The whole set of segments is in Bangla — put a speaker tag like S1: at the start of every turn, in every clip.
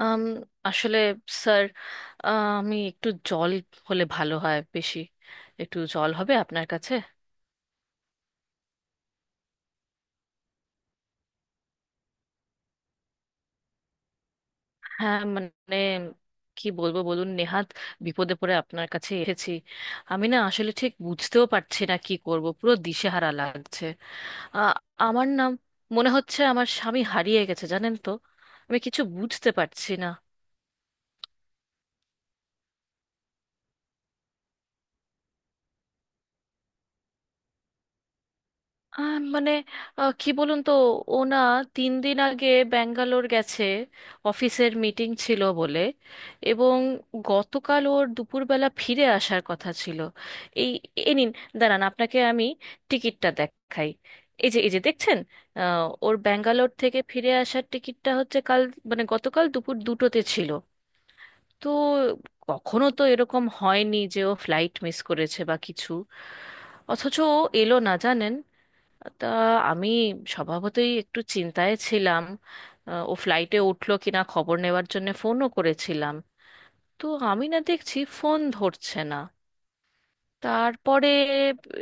S1: আম, আসলে স্যার, আমি একটু জল হলে ভালো হয়। বেশি একটু জল হবে আপনার কাছে? হ্যাঁ, মানে কি বলবো বলুন, নেহাত বিপদে পড়ে আপনার কাছে এসেছি। আমি না আসলে ঠিক বুঝতেও পারছি না কি করব, পুরো দিশেহারা লাগছে। আ- আমার নাম, মনে হচ্ছে আমার স্বামী হারিয়ে গেছে, জানেন তো। আমি কিছু বুঝতে পারছি না। মানে, কি বলুন তো, ও না তিন দিন আগে ব্যাঙ্গালোর গেছে, অফিসের মিটিং ছিল বলে। এবং গতকাল ওর দুপুরবেলা ফিরে আসার কথা ছিল। এই, এ নিন, দাঁড়ান আপনাকে আমি টিকিটটা দেখাই। এই যে, এই যে দেখছেন, ওর ব্যাঙ্গালোর থেকে ফিরে আসার টিকিটটা হচ্ছে কাল, মানে গতকাল দুপুর দুটোতে ছিল। তো কখনো তো এরকম হয়নি যে ও ফ্লাইট মিস করেছে বা কিছু। অথচ ও এলো না, জানেন। তা আমি স্বভাবতই একটু চিন্তায় ছিলাম। ও ফ্লাইটে উঠলো কিনা খবর নেওয়ার জন্য ফোনও করেছিলাম। তো আমি না দেখছি ফোন ধরছে না। তারপরে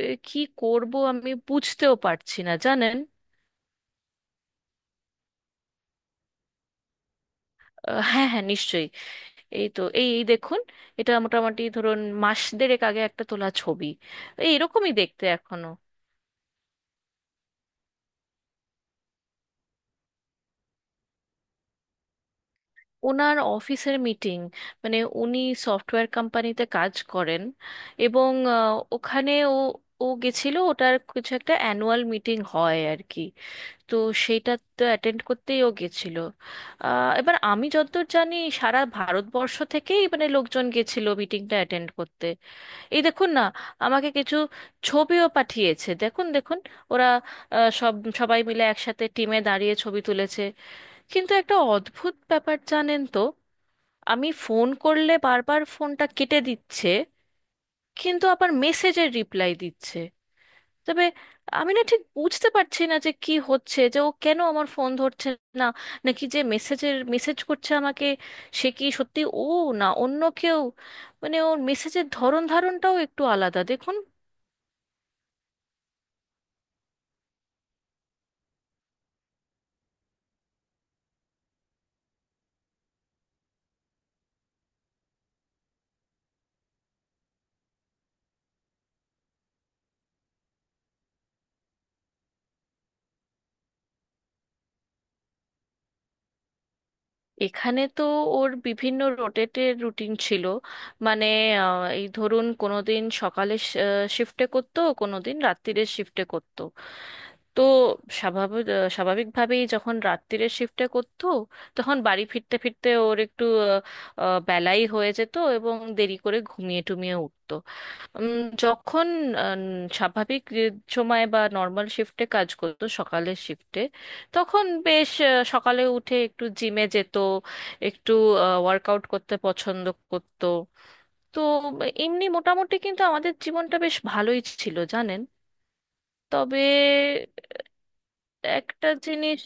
S1: কি করব আমি বুঝতেও পারছি না জানেন। হ্যাঁ হ্যাঁ, নিশ্চয়ই। এই তো, এই এই দেখুন, এটা মোটামুটি ধরুন মাস দেড়েক আগে একটা তোলা ছবি। এই এরকমই দেখতে এখনো। ওনার অফিসের মিটিং, মানে উনি সফটওয়্যার কোম্পানিতে কাজ করেন। এবং ওখানে ও, ও গেছিল, ওটার কিছু একটা অ্যানুয়াল মিটিং হয় আর কি। তো সেটা তো অ্যাটেন্ড করতেই ও গেছিল। এবার আমি যতদূর জানি, সারা ভারতবর্ষ থেকেই মানে লোকজন গেছিল মিটিংটা অ্যাটেন্ড করতে। এই দেখুন না, আমাকে কিছু ছবিও পাঠিয়েছে, দেখুন দেখুন। ওরা আহ, সব সবাই মিলে একসাথে টিমে দাঁড়িয়ে ছবি তুলেছে। কিন্তু একটা অদ্ভুত ব্যাপার জানেন তো, আমি ফোন করলে বারবার ফোনটা কেটে দিচ্ছে, কিন্তু আবার মেসেজের রিপ্লাই দিচ্ছে। তবে আমি না ঠিক বুঝতে পারছি না যে কি হচ্ছে, যে ও কেন আমার ফোন ধরছে না, নাকি যে মেসেজের মেসেজ করছে আমাকে সে কি সত্যি ও, না অন্য কেউ। মানে ওর মেসেজের ধরন ধারণটাও একটু আলাদা, দেখুন। এখানে তো ওর বিভিন্ন রোটেটের রুটিন ছিল। মানে, এই ধরুন, কোনো দিন সকালে শিফটে করতো, কোনো দিন রাত্তিরের শিফটে করতো। তো স্বাভাবিক, স্বাভাবিকভাবেই যখন রাত্তিরের শিফটে করতো, তখন বাড়ি ফিরতে ফিরতে ওর একটু আহ, আহ, বেলাই হয়ে যেত এবং দেরি করে ঘুমিয়ে টুমিয়ে উঠতো। যখন আহ, স্বাভাবিক যে সময় বা নর্মাল শিফটে কাজ করতো, সকালের শিফটে, তখন বেশ সকালে উঠে একটু জিমে যেত, একটু ওয়ার্কআউট করতে পছন্দ করতো। তো এমনি মোটামুটি কিন্তু আমাদের জীবনটা বেশ ভালোই ছিল জানেন। তবে একটা জিনিস,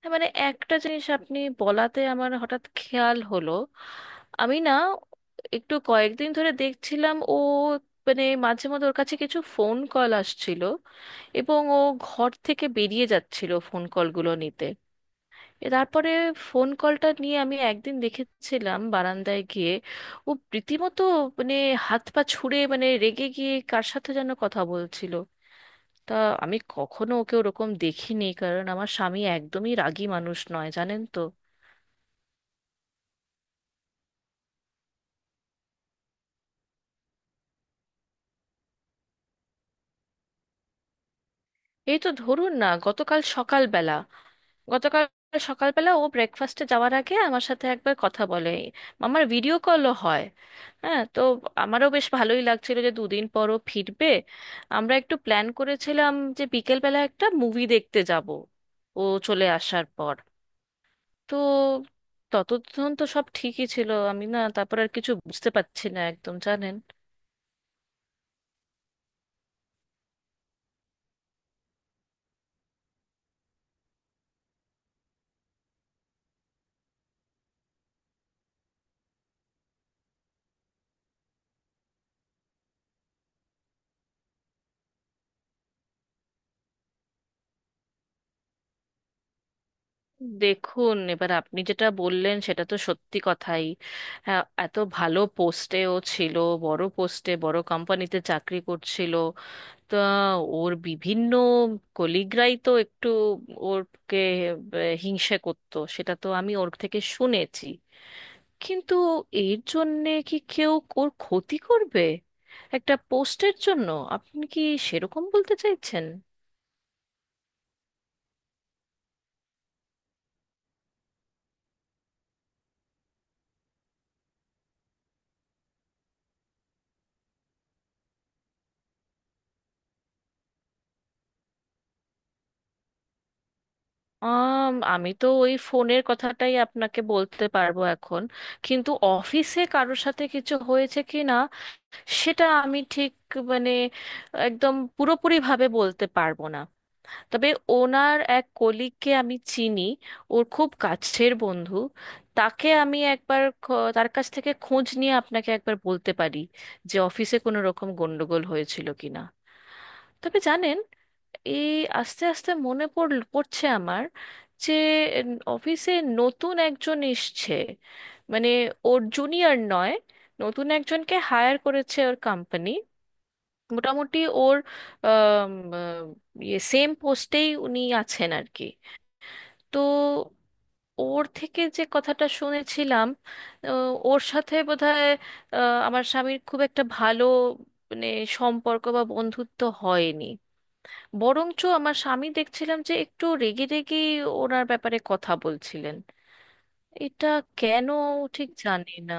S1: হ্যাঁ মানে একটা জিনিস আপনি বলাতে আমার হঠাৎ খেয়াল হলো। আমি না একটু কয়েকদিন ধরে দেখছিলাম ও, মানে মাঝে মধ্যে ওর কাছে কিছু ফোন কল আসছিল এবং ও ঘর থেকে বেরিয়ে যাচ্ছিল ফোন কলগুলো নিতে। তারপরে ফোন কলটা নিয়ে আমি একদিন দেখেছিলাম বারান্দায় গিয়ে ও রীতিমতো, মানে হাত পা ছুড়ে, মানে রেগে গিয়ে কার সাথে যেন কথা বলছিল। তা আমি কখনো ওকে ওরকম দেখিনি, কারণ আমার স্বামী একদমই রাগী মানুষ নয় জানেন তো। এই তো ধরুন না গতকাল সকালবেলা, গতকাল সকালবেলা ও ব্রেকফাস্টে যাওয়ার আগে আমার সাথে একবার কথা বলে, আমার ভিডিও কলও হয়। হ্যাঁ, তো আমারও বেশ ভালোই লাগছিল যে দুদিন পরও ফিরবে। আমরা একটু প্ল্যান করেছিলাম যে বিকেলবেলা একটা মুভি দেখতে যাব ও চলে আসার পর। তো ততক্ষণ তো সব ঠিকই ছিল, আমি না তারপর আর কিছু বুঝতে পারছি না একদম জানেন। দেখুন এবার আপনি যেটা বললেন সেটা তো সত্যি কথাই। হ্যাঁ, এত ভালো পোস্টেও ছিল, বড় পোস্টে, বড় কোম্পানিতে চাকরি করছিল। তা ওর বিভিন্ন কলিগরাই তো একটু ওরকে হিংসে করতো, সেটা তো আমি ওর থেকে শুনেছি। কিন্তু এর জন্যে কি কেউ ওর ক্ষতি করবে একটা পোস্টের জন্য? আপনি কি সেরকম বলতে চাইছেন? আমি তো ওই ফোনের কথাটাই আপনাকে বলতে পারবো এখন, কিন্তু অফিসে কারোর সাথে কিছু হয়েছে কি না সেটা আমি ঠিক, মানে একদম পুরোপুরিভাবে বলতে পারবো না। তবে ওনার এক কলিগকে আমি চিনি, ওর খুব কাছের বন্ধু। তাকে আমি একবার তার কাছ থেকে খোঁজ নিয়ে আপনাকে একবার বলতে পারি যে অফিসে কোনো রকম গন্ডগোল হয়েছিল কিনা। তবে জানেন, এই আস্তে আস্তে মনে পড়ছে আমার, যে অফিসে নতুন একজন এসছে। মানে ওর জুনিয়র নয়, নতুন একজনকে হায়ার করেছে ওর কোম্পানি, মোটামুটি ওর আম, আ, ইয়ে সেম পোস্টেই উনি আছেন আর কি। তো ওর থেকে যে কথাটা শুনেছিলাম, আ, ওর সাথে বোধহয় আ, আমার স্বামীর খুব একটা ভালো, মানে সম্পর্ক বা বন্ধুত্ব হয়নি। বরঞ্চ আমার স্বামী দেখছিলাম যে একটু রেগে রেগে ওনার ব্যাপারে কথা বলছিলেন। এটা কেন, ঠিক জানি না।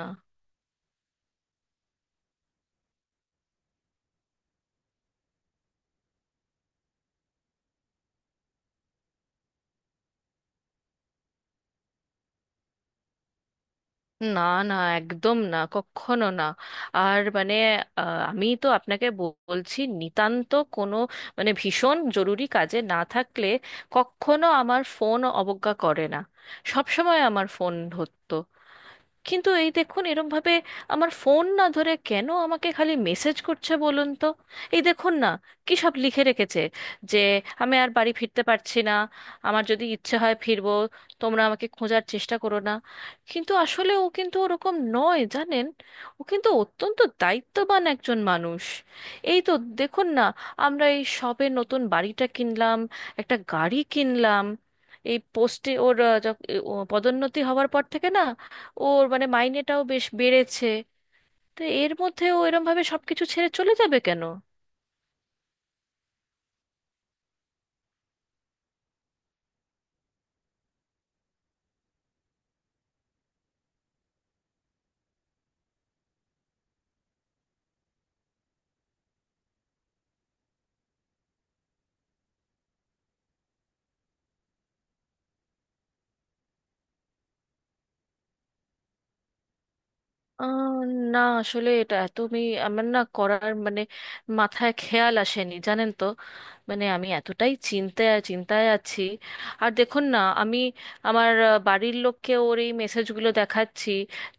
S1: না, না একদম না, কখনো না। আর মানে আমি তো আপনাকে বলছি, নিতান্ত কোনো মানে ভীষণ জরুরি কাজে না থাকলে কখনো আমার ফোন অবজ্ঞা করে না, সব সময় আমার ফোন ধরতো। কিন্তু এই দেখুন এরম ভাবে আমার ফোন না ধরে কেন আমাকে খালি মেসেজ করছে বলুন তো। এই দেখুন না, কি সব লিখে রেখেছে, যে আমি আর বাড়ি ফিরতে পারছি না, আমার যদি ইচ্ছে হয় ফিরবো, তোমরা আমাকে খোঁজার চেষ্টা করো না। কিন্তু আসলে ও কিন্তু ওরকম নয় জানেন, ও কিন্তু অত্যন্ত দায়িত্ববান একজন মানুষ। এই তো দেখুন না, আমরা এই সবে নতুন বাড়িটা কিনলাম, একটা গাড়ি কিনলাম। এই পোস্টে ওর ও পদোন্নতি হওয়ার পর থেকে না, ওর মানে মাইনেটাও বেশ বেড়েছে। তো এর মধ্যে ও এরম ভাবে সবকিছু ছেড়ে চলে যাবে কেন? আহ, না আসলে এটা তুমি, আমার না করার মানে মাথায় খেয়াল আসেনি জানেন তো। মানে আমি এতটাই চিন্তায় চিন্তায় আছি। আর দেখুন না, আমি আমার বাড়ির লোককে ওর এই মেসেজগুলো দেখাচ্ছি,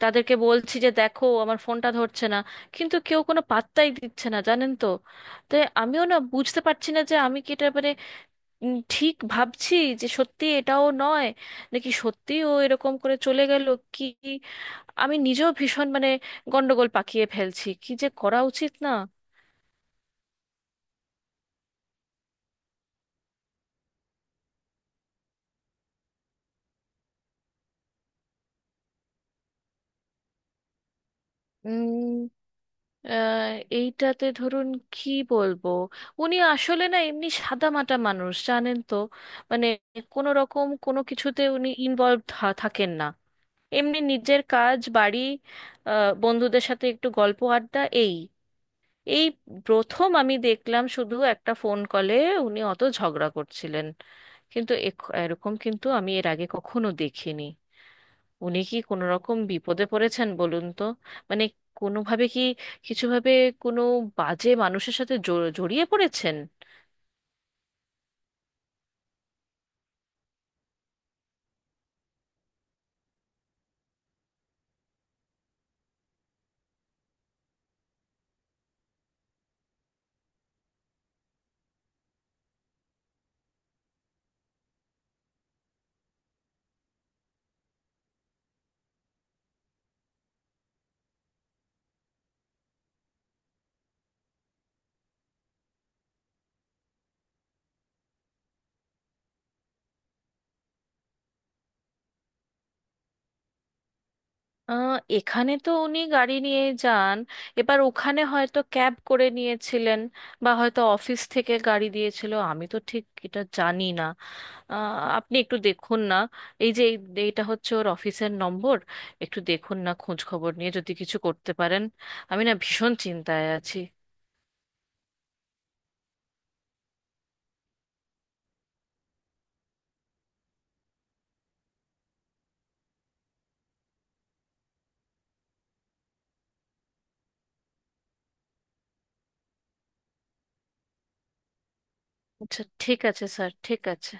S1: তাদেরকে বলছি যে দেখো আমার ফোনটা ধরছে না, কিন্তু কেউ কোনো পাত্তাই দিচ্ছে না জানেন তো। তাই আমিও না বুঝতে পারছি না যে আমি কি এটা, মানে ঠিক ভাবছি যে সত্যি এটাও নয়, নাকি সত্যি ও এরকম করে চলে গেল। কি, আমি নিজেও ভীষণ, মানে গন্ডগোল পাকিয়ে ফেলছি কি যে করা উচিত না। উম আহ, এইটাতে ধরুন কি বলবো, উনি আসলে না এমনি সাদামাটা মানুষ জানেন তো। মানে কোনো রকম কোনো কিছুতে উনি ইনভলভ থাকেন না। এমনি নিজের কাজ, বাড়ি, বন্ধুদের সাথে একটু গল্প আড্ডা। এই এই প্রথম আমি দেখলাম শুধু একটা ফোন কলে উনি অত ঝগড়া করছিলেন, কিন্তু এরকম কিন্তু আমি এর আগে কখনো দেখিনি। উনি কি কোনো রকম বিপদে পড়েছেন বলুন তো? মানে কোনোভাবে কি, কিছুভাবে কোনো বাজে মানুষের সাথে জড়িয়ে পড়েছেন? আহ, এখানে তো উনি গাড়ি নিয়ে যান। এবার ওখানে হয়তো ক্যাব করে নিয়েছিলেন, বা হয়তো অফিস থেকে গাড়ি দিয়েছিল, আমি তো ঠিক এটা জানি না। আহ, আপনি একটু দেখুন না, এই যে এইটা হচ্ছে ওর অফিসের নম্বর। একটু দেখুন না খোঁজ খবর নিয়ে যদি কিছু করতে পারেন, আমি না ভীষণ চিন্তায় আছি। আচ্ছা, ঠিক আছে স্যার, ঠিক আছে।